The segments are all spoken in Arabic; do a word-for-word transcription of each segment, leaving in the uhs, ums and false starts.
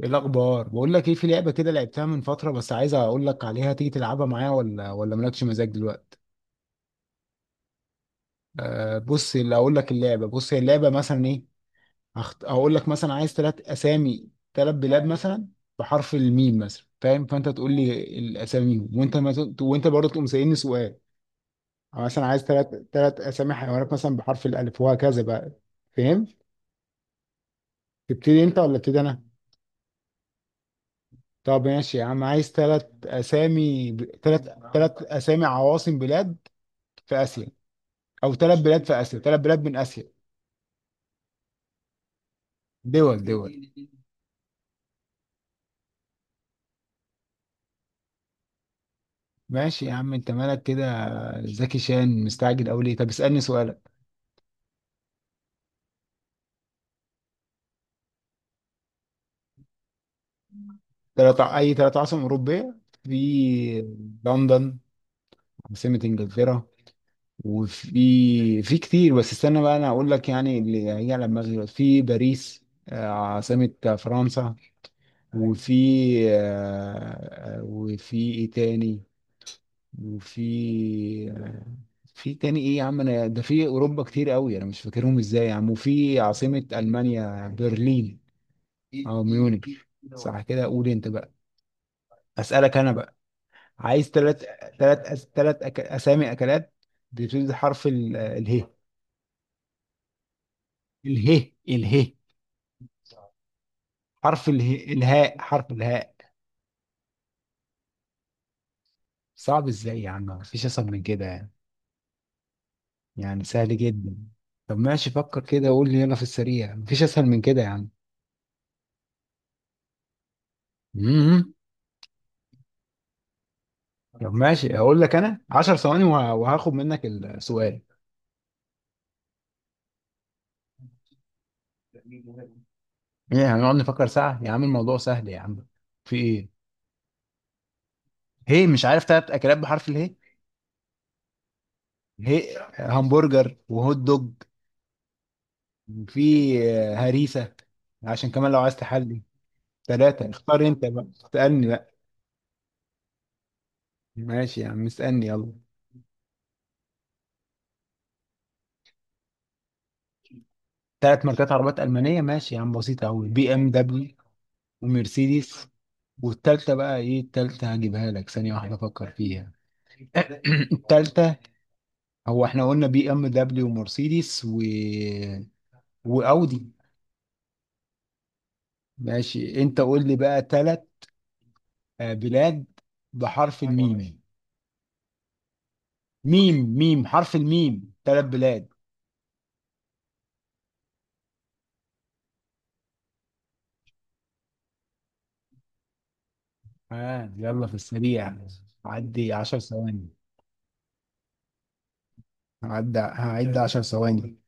ايه الاخبار؟ بقول لك ايه، في لعبه كده لعبتها من فتره بس عايز اقول لك عليها. تيجي تلعبها معايا ولا ولا مالكش مزاج دلوقتي؟ آه، بص اللي اقول لك، اللعبه بص هي اللعبه مثلا ايه، هخت... هقول لك مثلا عايز ثلاث اسامي ثلاث بلاد مثلا بحرف الميم مثلا، فاهم؟ فانت تقول لي الاسامي، وانت ما ت... وانت برضه تقوم سالني سؤال. أو مثلا عايز ثلاث ثلاث اسامي حيوانات مثلا بحرف الالف وهكذا بقى. فاهم؟ تبتدي انت ولا ابتدي انا؟ طب ماشي يا عم، عايز ثلاث اسامي ب... ثلاث ثلاث اسامي عواصم بلاد في اسيا، او ثلاث بلاد في اسيا، ثلاث بلاد من اسيا. دول دول. ماشي يا عم انت مالك كده؟ زكي شان مستعجل او ليه؟ طب اسالني سؤالك. تلات ع- اي ثلاث عاصمة اوروبية. في لندن عاصمة انجلترا، وفي في كتير بس استنى بقى انا اقول لك يعني اللي هي على دماغي دلوقتي. في باريس، آه، عاصمة فرنسا، وفي آه، آه، وفي ايه تاني، وفي في تاني ايه يا عم؟ انا ده في اوروبا كتير قوي، انا مش فاكرهم ازاي يا عم. وفي عاصمة المانيا برلين او ميونخ. صح كده؟ قول انت بقى. اسالك انا بقى، عايز ثلاث ثلاث ثلاث أك... اسامي اكلات بتبتدي بحرف ال... اله. اله اله. حرف اله، الهاء، حرف الهاء. صعب ازاي يا عم؟ مفيش اسهل من كده يعني يعني سهل جدا. طب ماشي، فكر كده وقول لي يلا في السريع، مفيش اسهل من كده يا عم. طب ماشي اقول لك انا 10 ثواني وه- وهاخد منك السؤال. ايه، هنقعد نفكر ساعة يا عم؟ الموضوع سهل يا عم. في ايه، هي مش عارف تلات اكلات بحرف اله؟ هي همبرجر وهوت دوج، في آه، هريسة، عشان كمان لو عايز تحلي ثلاثة. اختار انت بقى، اسألني بقى. ماشي يا عم اسألني يلا. ثلاث ماركات عربيات ألمانية؟ ماشي يا عم، بسيطة أوي، بي ام دبليو ومرسيدس، والتالتة بقى ايه؟ التالتة هجيبها لك، ثانية واحدة افكر فيها. التالتة، هو احنا قلنا بي ام دبليو ومرسيدس و واودي. ماشي انت قول لي بقى ثلاث بلاد بحرف، ايوه يا باشا، الميم. ميم ميم، حرف الميم، ثلاث بلاد. ها يلا في السريع، عدي 10 ثواني. هعد هعد 10 ثواني.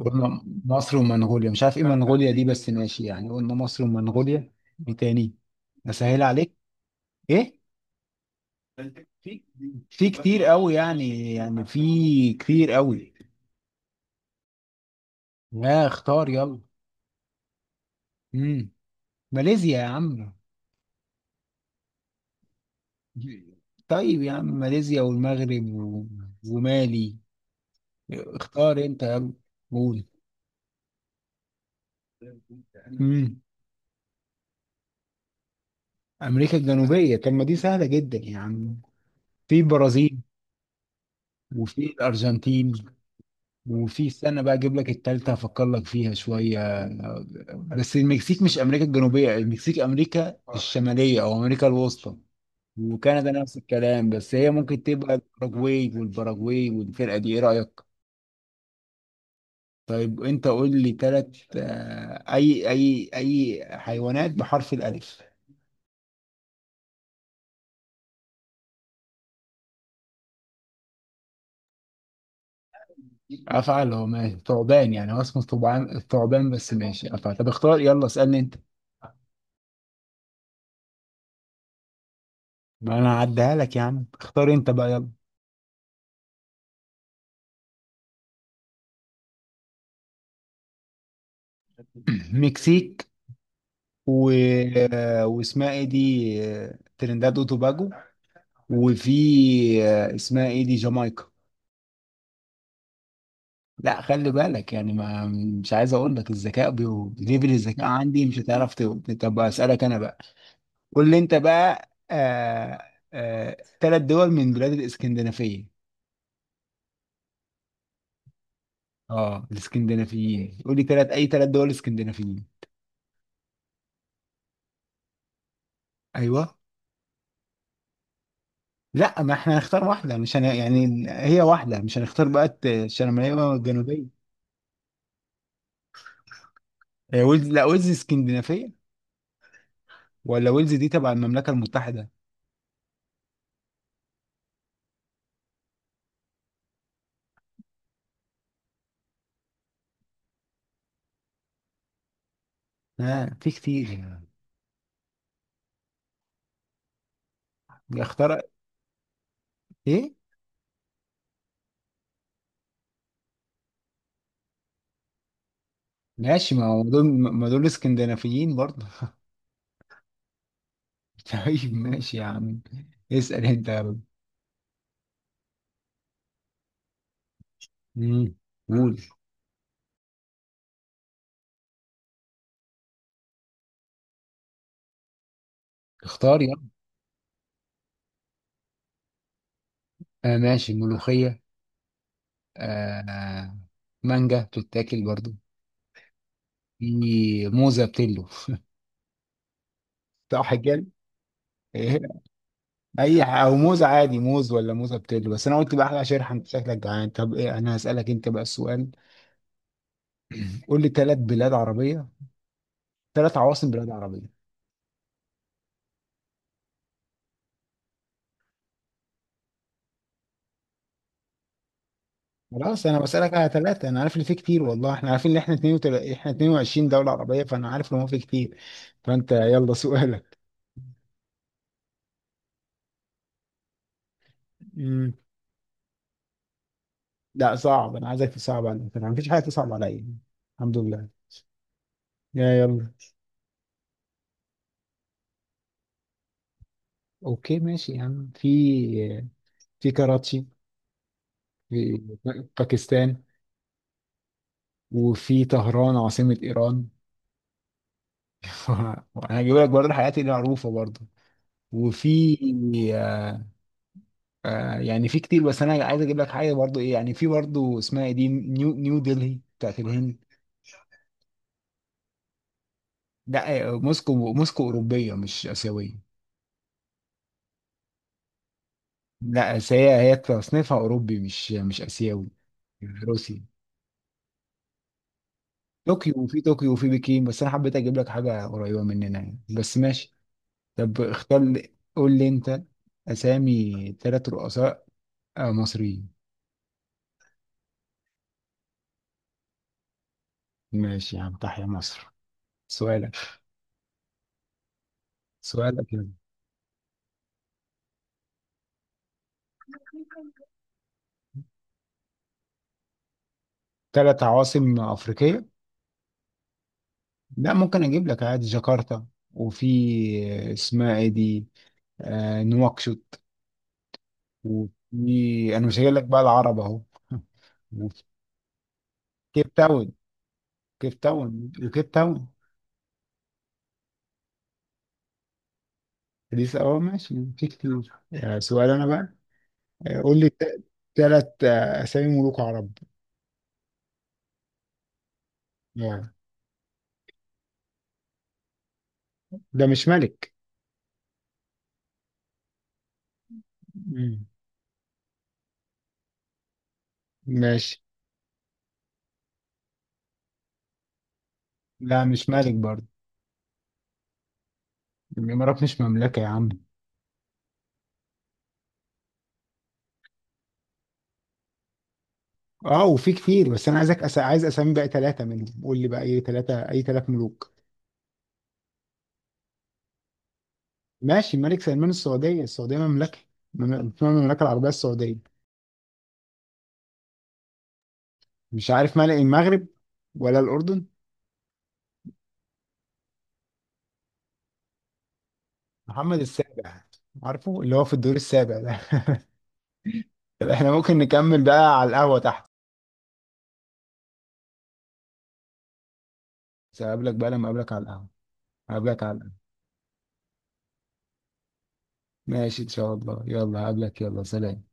قلنا مصر ومنغوليا، مش عارف ايه منغوليا دي بس ماشي يعني، قلنا مصر ومنغوليا. ايه تاني؟ اسهل عليك ايه؟ في كتير قوي، يعني يعني في كتير قوي. لا اختار يلا. امم ماليزيا يا عم. طيب يا عم، ماليزيا والمغرب و ومالي. اختار انت يلا. قول. امم امريكا الجنوبيه، طب ما دي سهله جدا يا عم. في البرازيل وفي الارجنتين وفي، استنى بقى اجيب لك التالتة افكر لك فيها شويه. بس المكسيك مش امريكا الجنوبيه، المكسيك امريكا الشماليه او امريكا الوسطى. وكندا نفس الكلام، بس هي ممكن تبقى الاوروجواي والباراجواي والفرقه دي، ايه رايك؟ طيب انت قول لي ثلاث اي اي اي حيوانات بحرف الالف. افعل اللي ماشي ثعبان، يعني هو اسمه ثعبان ثعبان بس ماشي افعل. طب اختار يلا، اسالني انت. ما انا هعديها لك يا عم، اختار انت بقى يلا. مكسيك و آه، واسمها ايه دي، آه، ترينداد وتوباجو. وفي آه، اسمها ايه دي، جامايكا. لا خلي بالك يعني، ما مش عايز اقول لك، الذكاء بيو... ليفل الذكاء عندي مش هتعرف ت- طب اسالك انا بقى، قول لي انت بقى. آه آه ثلاث دول من بلاد الاسكندنافيه. اه الاسكندنافيين، قول لي ثلاث اي ثلاث دول اسكندنافيين. ايوه. لا ما احنا هنختار واحده، مش هن... يعني هي واحده، مش هنختار بقى الت- الشماليه ولا الجنوبيه. هي ويلز، لا ويلز اسكندنافيه ولا ويلز دي تبع المملكه المتحده؟ ها في كتير. اختار. ايه؟ ماشي، ما هو دول. ما دول اسكندنافيين برضه. طيب ماشي يا عم، اسال انت يا رب. مم. قول. اختار يعني. آه ماشي، ملوخية، آه، مانجا بتتاكل برضو. في موزة بتلو. صح كده؟ إيه، اي ح- او موز عادي، موز ولا موزة بتلو؟ بس انا قلت بقى احلى شرح، انت شكلك جعان. طب ايه، انا هسألك انت بقى السؤال. قول لي ثلاث بلاد عربية، ثلاث عواصم بلاد عربية. خلاص انا بسألك على ثلاثة، انا عارف اللي فيه كتير، والله احنا عارفين ان احنا اتنين وعشرين، احنا اتنين وعشرين دولة عربية، فانا عارف ان هو فيه كتير، فانت يلا سؤالك. مم. لا صعب، انا عايزك تصعب عليا، ما فيش حاجة تصعب عليا، الحمد لله، يا يلا. اوكي ماشي يا عم، في في كراتشي في باكستان. وفي طهران عاصمة ايران. وانا هجيب لك برضه الحاجات اللي معروفة برضه. وفي آه، آه، يعني في كتير بس انا عايز اجيب لك حاجة برضه. ايه يعني، في برضه اسمها ايه دي، نيو نيو دلهي بتاعت الهند. لا آه، موسكو، موسكو اوروبية مش اسيوية. لا بس هي هي تصنيفها اوروبي مش مش اسيوي. روسي. طوكيو، وفي طوكيو وفي بكين، بس انا حبيت اجيب لك حاجه قريبه مننا يعني بس ماشي. طب اختار لي، قول لي انت. اسامي ثلاث رؤساء آه، مصريين. ماشي يا عم، تحيا مصر. سؤالك. سؤالك يعني. ثلاث عواصم افريقيه؟ لا ممكن اجيب لك عادي جاكرتا، وفي آه، اسمها ايه دي، آه، نواكشوط. وفي، انا مش هجيب لك بقى العرب اهو. وفي كيب تاون، كيب تاون وكيب تاون. دي س- اه ماشي، في كتير. آه، سؤال انا بقى. آه، قول لي ثلاث اسامي ملوك عرب. آه، ده مش ملك. مم. ماشي. لا مش مالك برضه، الامارات مش مملكه يا عم. اه وفي كتير بس انا عايزك أس... عايز اسامي بقى ثلاثه منهم. قول لي بقى اي ثلاثه اي ثلاث ملوك. ماشي الملك سلمان، السعوديه السعوديه مملكه، مم- اسمها المملكه العربيه السعوديه. مش عارف ملك المغرب ولا الاردن. محمد السابع، عارفه اللي هو في الدور السابع ده. طب احنا ممكن نكمل بقى على القهوه تحت، بس اقابلك بقى لما اقابلك على القهوه. اقابلك على القهوة. ماشي إن شاء الله، يلا هقابلك، يلا سلام.